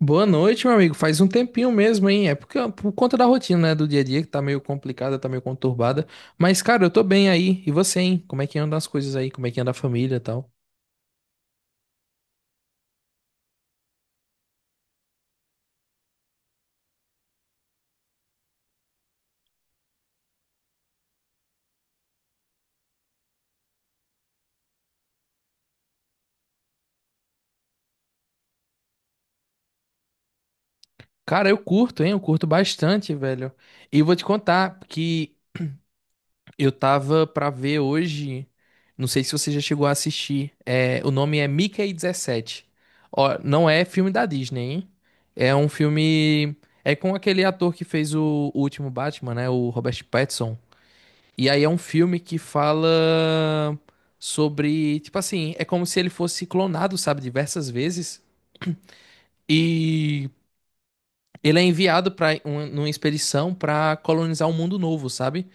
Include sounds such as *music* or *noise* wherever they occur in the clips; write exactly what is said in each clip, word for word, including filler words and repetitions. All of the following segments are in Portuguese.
Boa noite, meu amigo. Faz um tempinho mesmo, hein? É porque, por conta da rotina, né, do dia a dia, que tá meio complicada, tá meio conturbada. Mas, cara, eu tô bem aí. E você, hein? Como é que andam as coisas aí? Como é que anda a família e tal? Cara, eu curto, hein? Eu curto bastante, velho. E vou te contar que eu tava pra ver hoje. Não sei se você já chegou a assistir. É, o nome é Mickey dezessete. Ó, não é filme da Disney, hein? É um filme. É com aquele ator que fez o, o último Batman, né? O Robert Pattinson. E aí é um filme que fala sobre, tipo assim, é como se ele fosse clonado, sabe, diversas vezes. E ele é enviado para uma expedição para colonizar um mundo novo, sabe?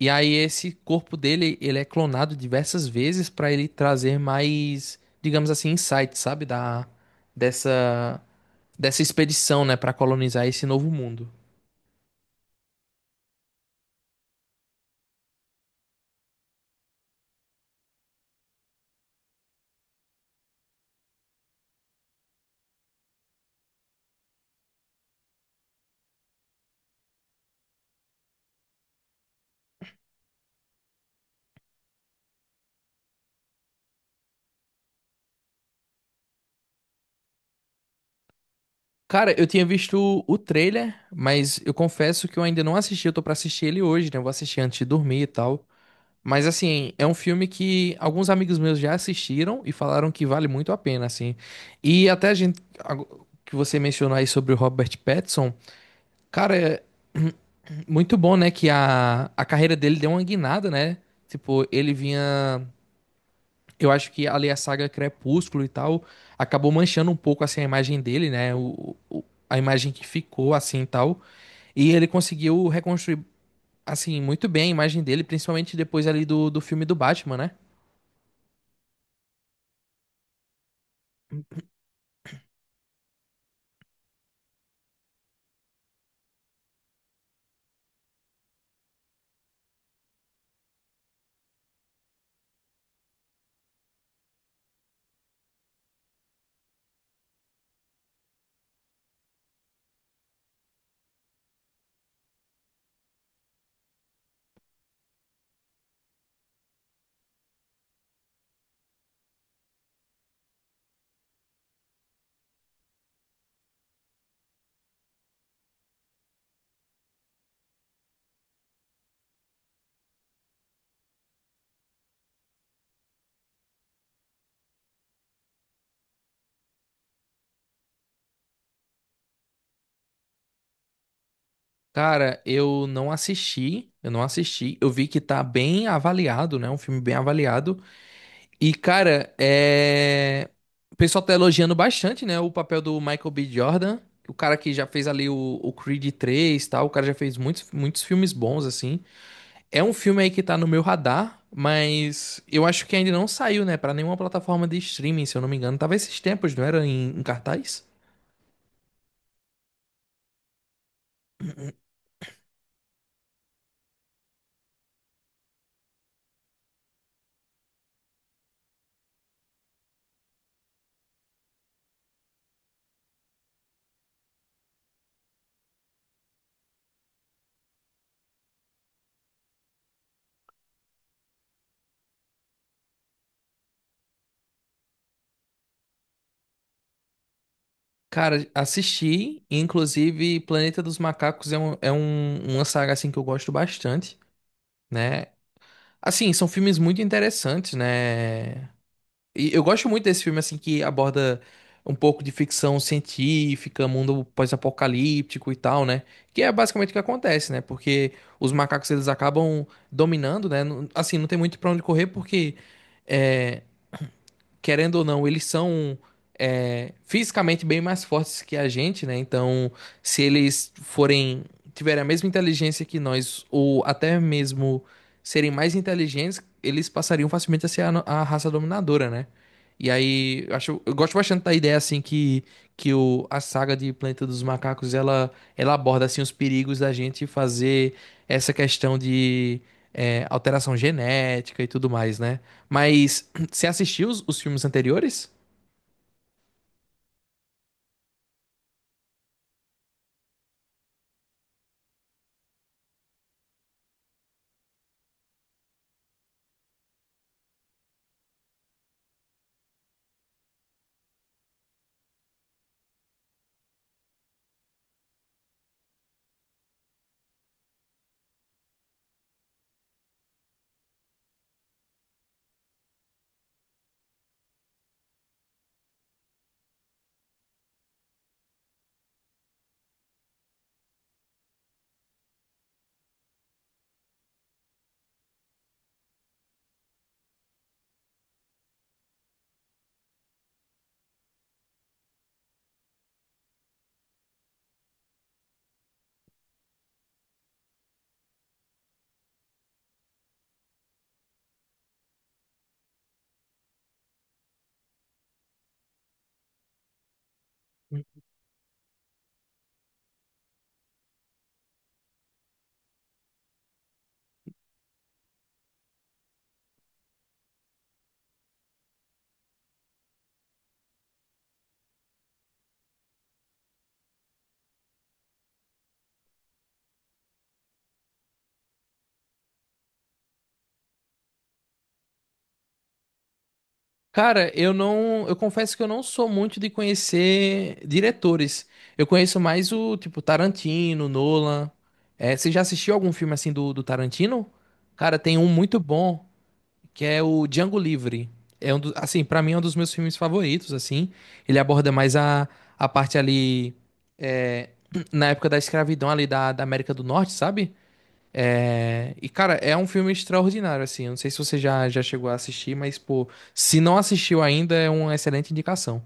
E aí esse corpo dele, ele é clonado diversas vezes para ele trazer mais, digamos assim, insights, sabe, da dessa dessa expedição, né, para colonizar esse novo mundo. Cara, eu tinha visto o trailer, mas eu confesso que eu ainda não assisti. Eu tô pra assistir ele hoje, né? Eu vou assistir antes de dormir e tal. Mas assim, é um filme que alguns amigos meus já assistiram e falaram que vale muito a pena, assim. E até a gente ago- que você mencionou aí sobre o Robert Pattinson, cara, é muito bom, né? Que a, a carreira dele deu uma guinada, né? Tipo, ele vinha eu acho que ali a saga Crepúsculo e tal acabou manchando um pouco assim a imagem dele, né? O, o- a imagem que ficou assim e tal. E ele conseguiu reconstruir assim muito bem a imagem dele, principalmente depois ali do, do filme do Batman, né? Cara, eu não assisti, eu não assisti. Eu vi que tá bem avaliado, né? Um filme bem avaliado. E, cara, é... o pessoal tá elogiando bastante, né? O papel do Michael B. Jordan, o cara que já fez ali o, o Creed três e tal. O cara já fez muitos, muitos filmes bons, assim. É um filme aí que tá no meu radar, mas eu acho que ainda não saiu, né? Pra nenhuma plataforma de streaming, se eu não me engano. Tava esses tempos, não era? Em, em cartaz? Cara, assisti. E, inclusive, Planeta dos Macacos é, um, é um- uma saga, assim, que eu gosto bastante, né? Assim, são filmes muito interessantes, né? E eu gosto muito desse filme, assim, que aborda um pouco de ficção científica, mundo pós-apocalíptico e tal, né? Que é basicamente o que acontece, né? Porque os macacos, eles acabam dominando, né? Não- Assim, não tem muito pra onde correr, porque... eh, querendo ou não, eles são é, fisicamente bem mais fortes que a gente, né? Então, se eles forem tiverem a mesma inteligência que nós, ou até mesmo serem mais inteligentes, eles passariam facilmente a ser a, no- a raça dominadora, né? E aí, eu acho, eu gosto bastante da ideia assim que, que o, a saga de Planeta dos Macacos ela, ela aborda assim os perigos da gente fazer essa questão de é, alteração genética e tudo mais, né? Mas você assistiu os, os filmes anteriores? Cara, eu não, eu confesso que eu não sou muito de conhecer diretores. Eu conheço mais o tipo Tarantino, Nolan. É, você já assistiu algum filme assim do, do, Tarantino? Cara, tem um muito bom que é o Django Livre. É um do, assim, para mim é um dos meus filmes favoritos. Assim, ele aborda mais a, a parte ali é, *clears throat* na época da escravidão ali da, da América do Norte, sabe? É, e, cara, é um filme extraordinário, assim. Eu não sei se você já, já chegou a assistir, mas, pô, se não assistiu ainda, é uma excelente indicação.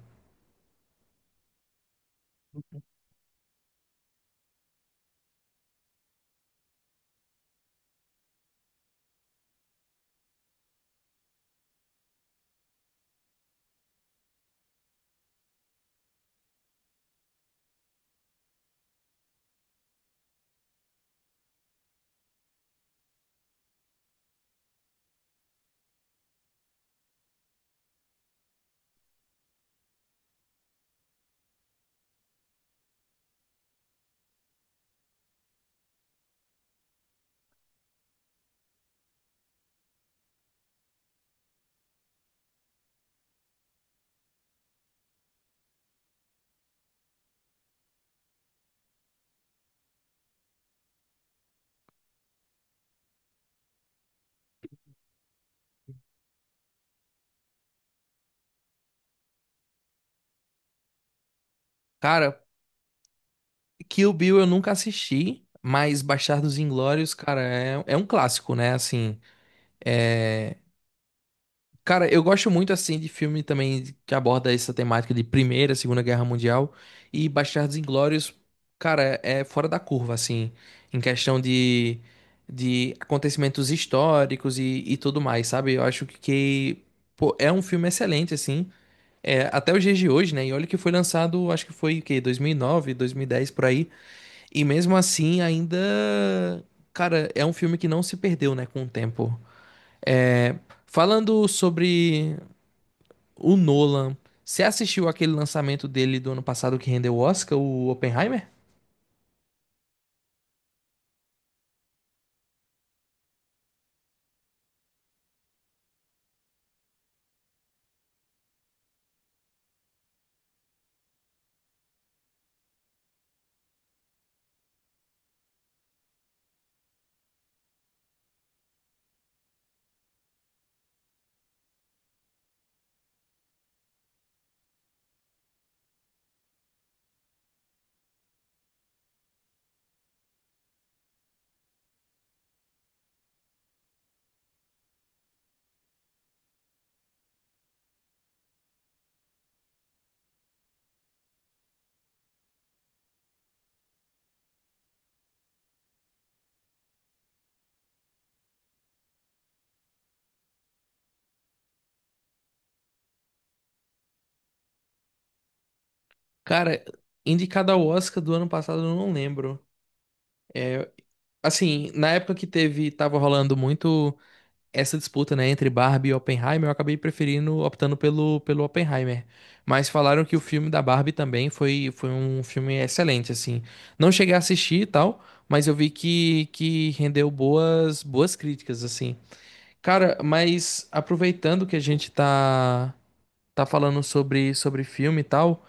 Cara, Kill Bill eu nunca assisti, mas Bastardos Inglórios, cara, é, é um clássico, né? Assim, é, cara, eu gosto muito assim de filme também que aborda essa temática de Primeira, Segunda Guerra Mundial e Bastardos Inglórios, cara, é fora da curva assim, em questão de, de acontecimentos históricos e, e tudo mais, sabe? Eu acho que, que, pô, é um filme excelente assim, é, até os dias de hoje, né? E olha que foi lançado, acho que foi o quê? Dois mil e nove, dois mil e dez por aí, e mesmo assim ainda, cara, é um filme que não se perdeu, né, com o tempo. É, falando sobre o Nolan. Você assistiu aquele lançamento dele do ano passado que rendeu o Oscar, o Oppenheimer? Cara, indicado ao Oscar do ano passado, eu não lembro. É, assim, na época que teve, tava rolando muito essa disputa, né, entre Barbie e Oppenheimer, eu acabei preferindo, optando pelo, pelo Oppenheimer. Mas falaram que o filme da Barbie também foi, foi, um filme excelente, assim. Não cheguei a assistir e tal, mas eu vi que, que rendeu boas, boas, críticas, assim. Cara, mas aproveitando que a gente tá, tá falando sobre, sobre filme e tal,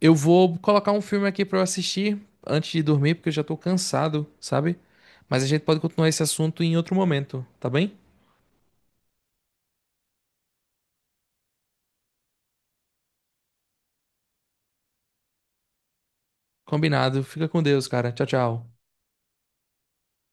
eu vou colocar um filme aqui pra eu assistir antes de dormir, porque eu já tô cansado, sabe? Mas a gente pode continuar esse assunto em outro momento, tá bem? Combinado. Fica com Deus, cara. Tchau, tchau.